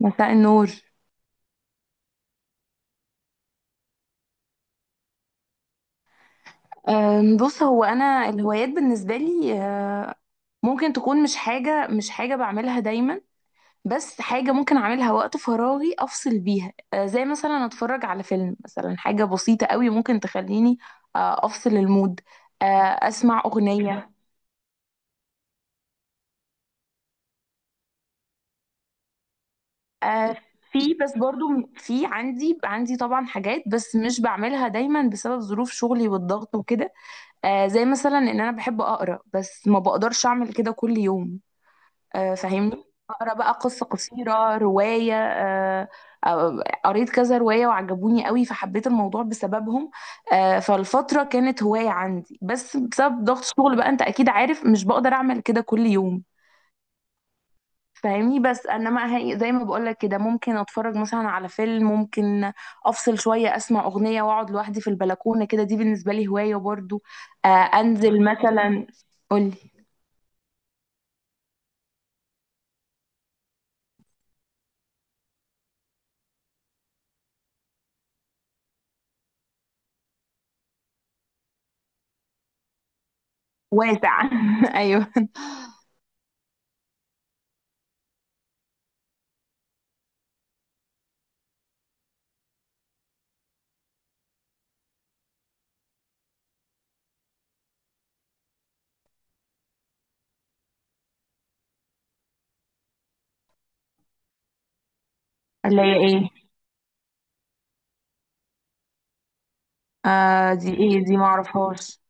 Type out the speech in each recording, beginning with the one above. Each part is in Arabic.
مساء النور. بص، هو انا الهوايات بالنسبه لي، ممكن تكون مش حاجه بعملها دايما، بس حاجه ممكن اعملها وقت فراغي افصل بيها. زي مثلا اتفرج على فيلم، مثلا حاجه بسيطه قوي ممكن تخليني افصل المود. أه، اسمع اغنيه. أه، في، بس برضو في عندي طبعا حاجات، بس مش بعملها دايما بسبب ظروف شغلي والضغط وكده. زي مثلا ان انا بحب اقرا، بس ما بقدرش اعمل كده كل يوم. فاهمني، اقرا بقى قصه قصيره، روايه. قريت كذا روايه وعجبوني قوي، فحبيت الموضوع بسببهم. فالفتره كانت هوايه عندي، بس بسبب ضغط الشغل بقى، انت اكيد عارف، مش بقدر اعمل كده كل يوم. فاهمني، بس انما زي ما بقولك كده، ممكن اتفرج مثلا على فيلم، ممكن افصل شويه، اسمع اغنيه، واقعد لوحدي في البلكونه كده. دي بالنسبه لي هوايه برضو. انزل مثلا. قولي. واسع ايوه. اللي هي ايه؟ دي ايه؟ دي معرفهاش.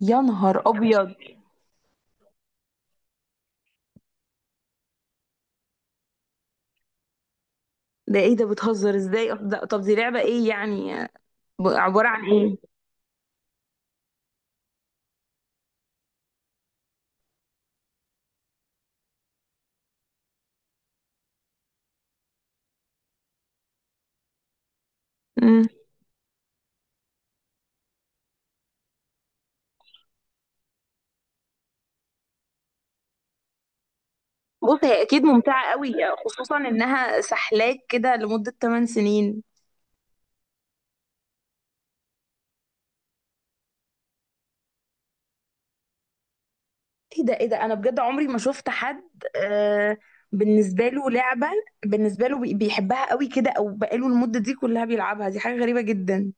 يا نهار ابيض! ده ايه ده؟ بتهزر ازاي؟ ده طب دي لعبة ايه يعني؟ عبارة عن ايه؟ مم. بص هي اكيد ممتعة قوي، خصوصا انها سحلاك كده لمدة 8 سنين. ايه ده؟ ايه ده؟ انا بجد عمري ما شفت حد. آه بالنسبة له لعبة، بالنسبة له بيحبها قوي كده، او بقاله المدة دي كلها بيلعبها. دي حاجة غريبة جدا.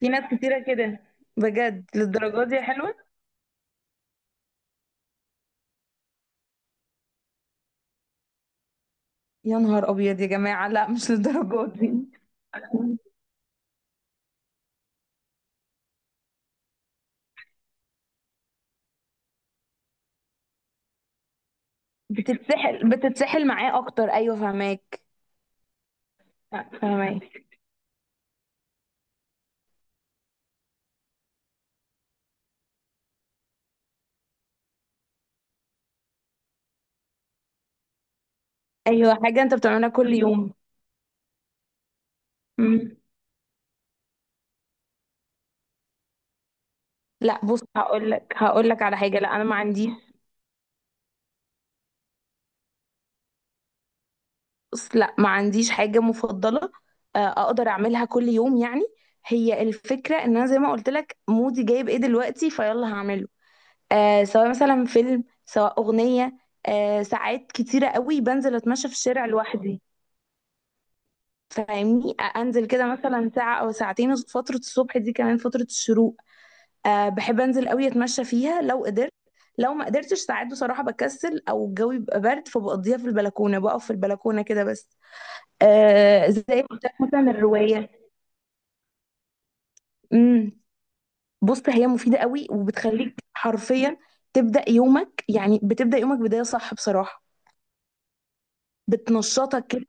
في ناس كتيرة كده. بجد للدرجات دي؟ حلوة. يا نهار ابيض يا جماعة! لا، مش للدرجات دي. بتتسحل معاه اكتر، ايوه، فهماك. لا، فاهمة. ايوه، حاجه انت بتعملها كل يوم. مم. لا، بص، هقول لك على حاجه، لا، انا ما عندي. بص، لا، ما عنديش حاجه مفضله اقدر اعملها كل يوم يعني. هي الفكره ان انا زي ما قلت لك، مودي جايب ايه دلوقتي، فيلا هعمله. سواء مثلا فيلم سواء اغنيه. ساعات كتيره قوي بنزل اتمشى في الشارع لوحدي. فاهمني. انزل كده مثلا ساعه او ساعتين فتره الصبح، دي كمان فتره الشروق. بحب انزل قوي اتمشى فيها لو قدرت. لو ما قدرتش ساعات بصراحه بكسل، او الجو بيبقى برد، فبقضيها في البلكونه، بقف في البلكونه كده بس. زي ما قلت لك مثلا الروايه. امم بص هي مفيده قوي وبتخليك حرفيا تبدا يومك، يعني بتبدا يومك بدايه صح بصراحه. بتنشطك كده.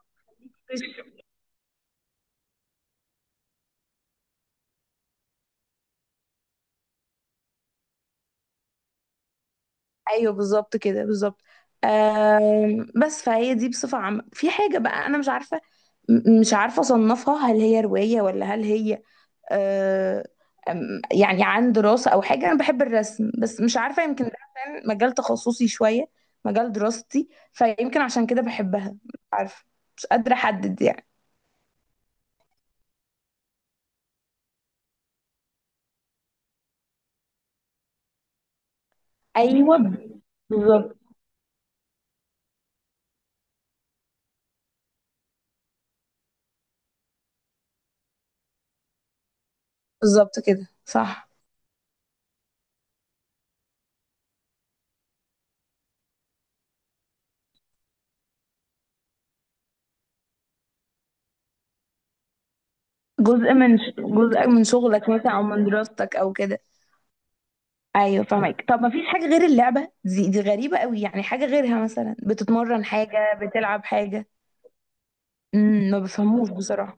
ايوه، بالظبط كده، بالظبط. بس فهي دي بصفه عامه. في حاجه بقى انا مش عارفه، مش عارفه اصنفها، هل هي روايه ولا هل هي آه، يعني عن دراسة أو حاجة. أنا بحب الرسم، بس مش عارفة، يمكن ده عشان مجال تخصصي شوية، مجال دراستي، فيمكن عشان كده بحبها، مش عارفة. مش قادرة أحدد يعني. ايوه، بالظبط، بالظبط كده، صح. جزء من شغلك مثلا أو من دراستك أو كده. أيوة فاهمك. طب ما فيش حاجة غير اللعبة دي؟ دي غريبة قوي، يعني حاجة غيرها مثلا بتتمرن، حاجة بتلعب حاجة. ما بفهموش بصراحة.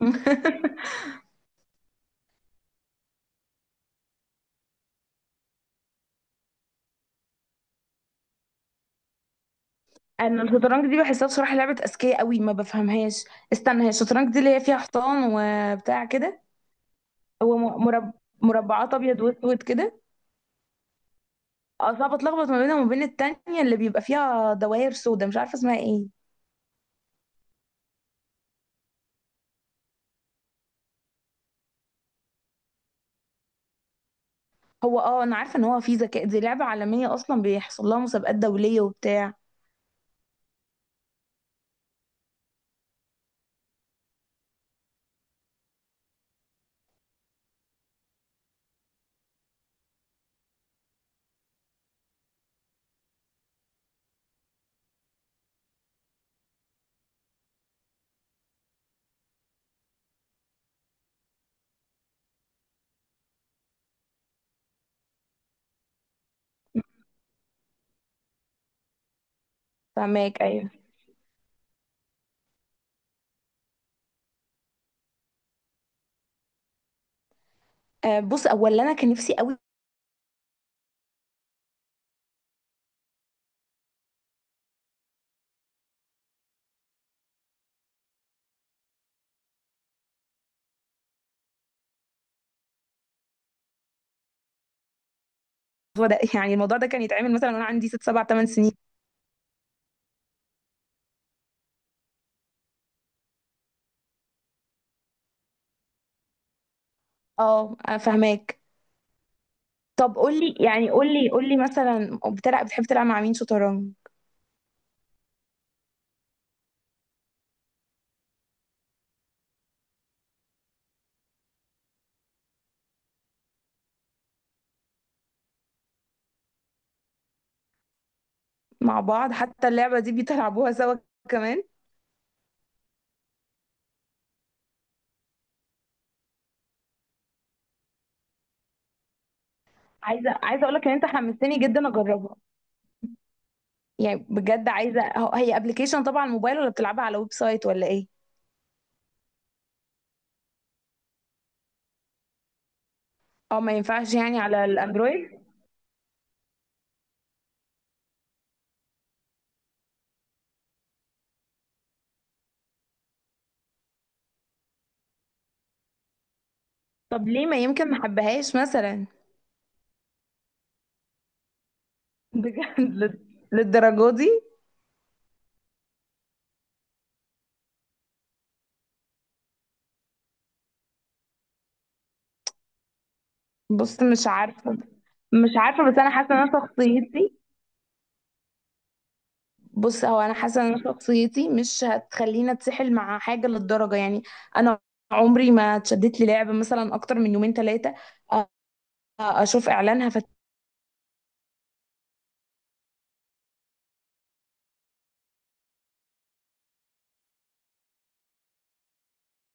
مم. انا الشطرنج دي بحسها بصراحه لعبه اذكياء قوي، ما بفهمهاش. استنى، هي الشطرنج دي اللي هي فيها حصان وبتاع كده؟ هو مربعات ابيض واسود كده. اه، صعب اتلخبط ما بينها وما بين التانية اللي بيبقى فيها دوائر سودا، مش عارفه اسمها ايه. هو اه، انا عارفه ان هو في ذكاء، دي لعبه عالميه اصلا، بيحصل لها مسابقات دوليه وبتاع. فهماك، ايوه. بص، اولا انا كان نفسي قوي الموضوع ده يعني الموضوع ده كان يتعمل مثلا وانا عندي ست سبع ثمان سنين. اه، فاهماك. طب قول لي، يعني قول لي مثلا بتحب تلعب مع مين شطرنج؟ مع بعض؟ حتى اللعبة دي بيلعبوها سوا كمان. عايزة اقول لك ان انت حمستني جدا اجربها، يعني بجد عايزة. هي ابلكيشن طبعا على الموبايل، ولا بتلعبها على ويب سايت، ولا ايه؟ اه، ما ينفعش يعني على الاندرويد؟ طب ليه؟ ما يمكن ما حبهاش مثلا. بجد للدرجة دي؟ بص مش عارفة، مش عارفة، بس انا حاسة ان انا شخصيتي، بص هو انا حاسة ان انا شخصيتي مش هتخليني اتسحل مع حاجة للدرجة يعني. انا عمري ما اتشدت لي لعبة مثلا اكتر من يومين ثلاثة، اشوف اعلانها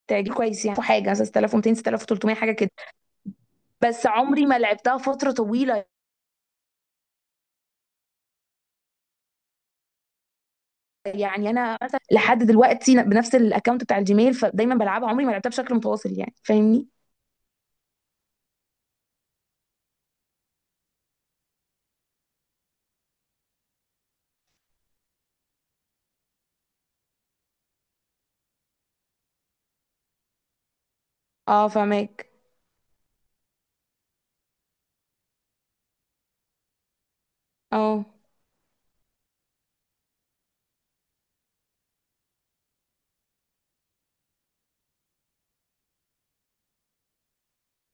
فتعجبني كويس، يعني حاجه 6200، 6300، حاجه كده، بس عمري ما لعبتها فتره طويله. يعني انا مثلا لحد دلوقتي بنفس الاكونت بتاع الجيميل، فدايما بلعبها، عمري ما لعبتها بشكل متواصل يعني، فاهمني. اه، فاهماك. اه،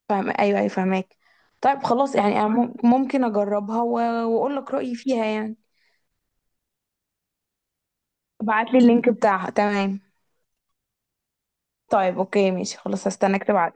فاهم، ايوه، ايوه، فاهماك. طيب خلاص، يعني أنا ممكن اجربها واقول لك رايي فيها يعني. ابعت لي اللينك بتاعها، تمام. طيب اوكي، ماشي، خلاص، هستناك تبعت.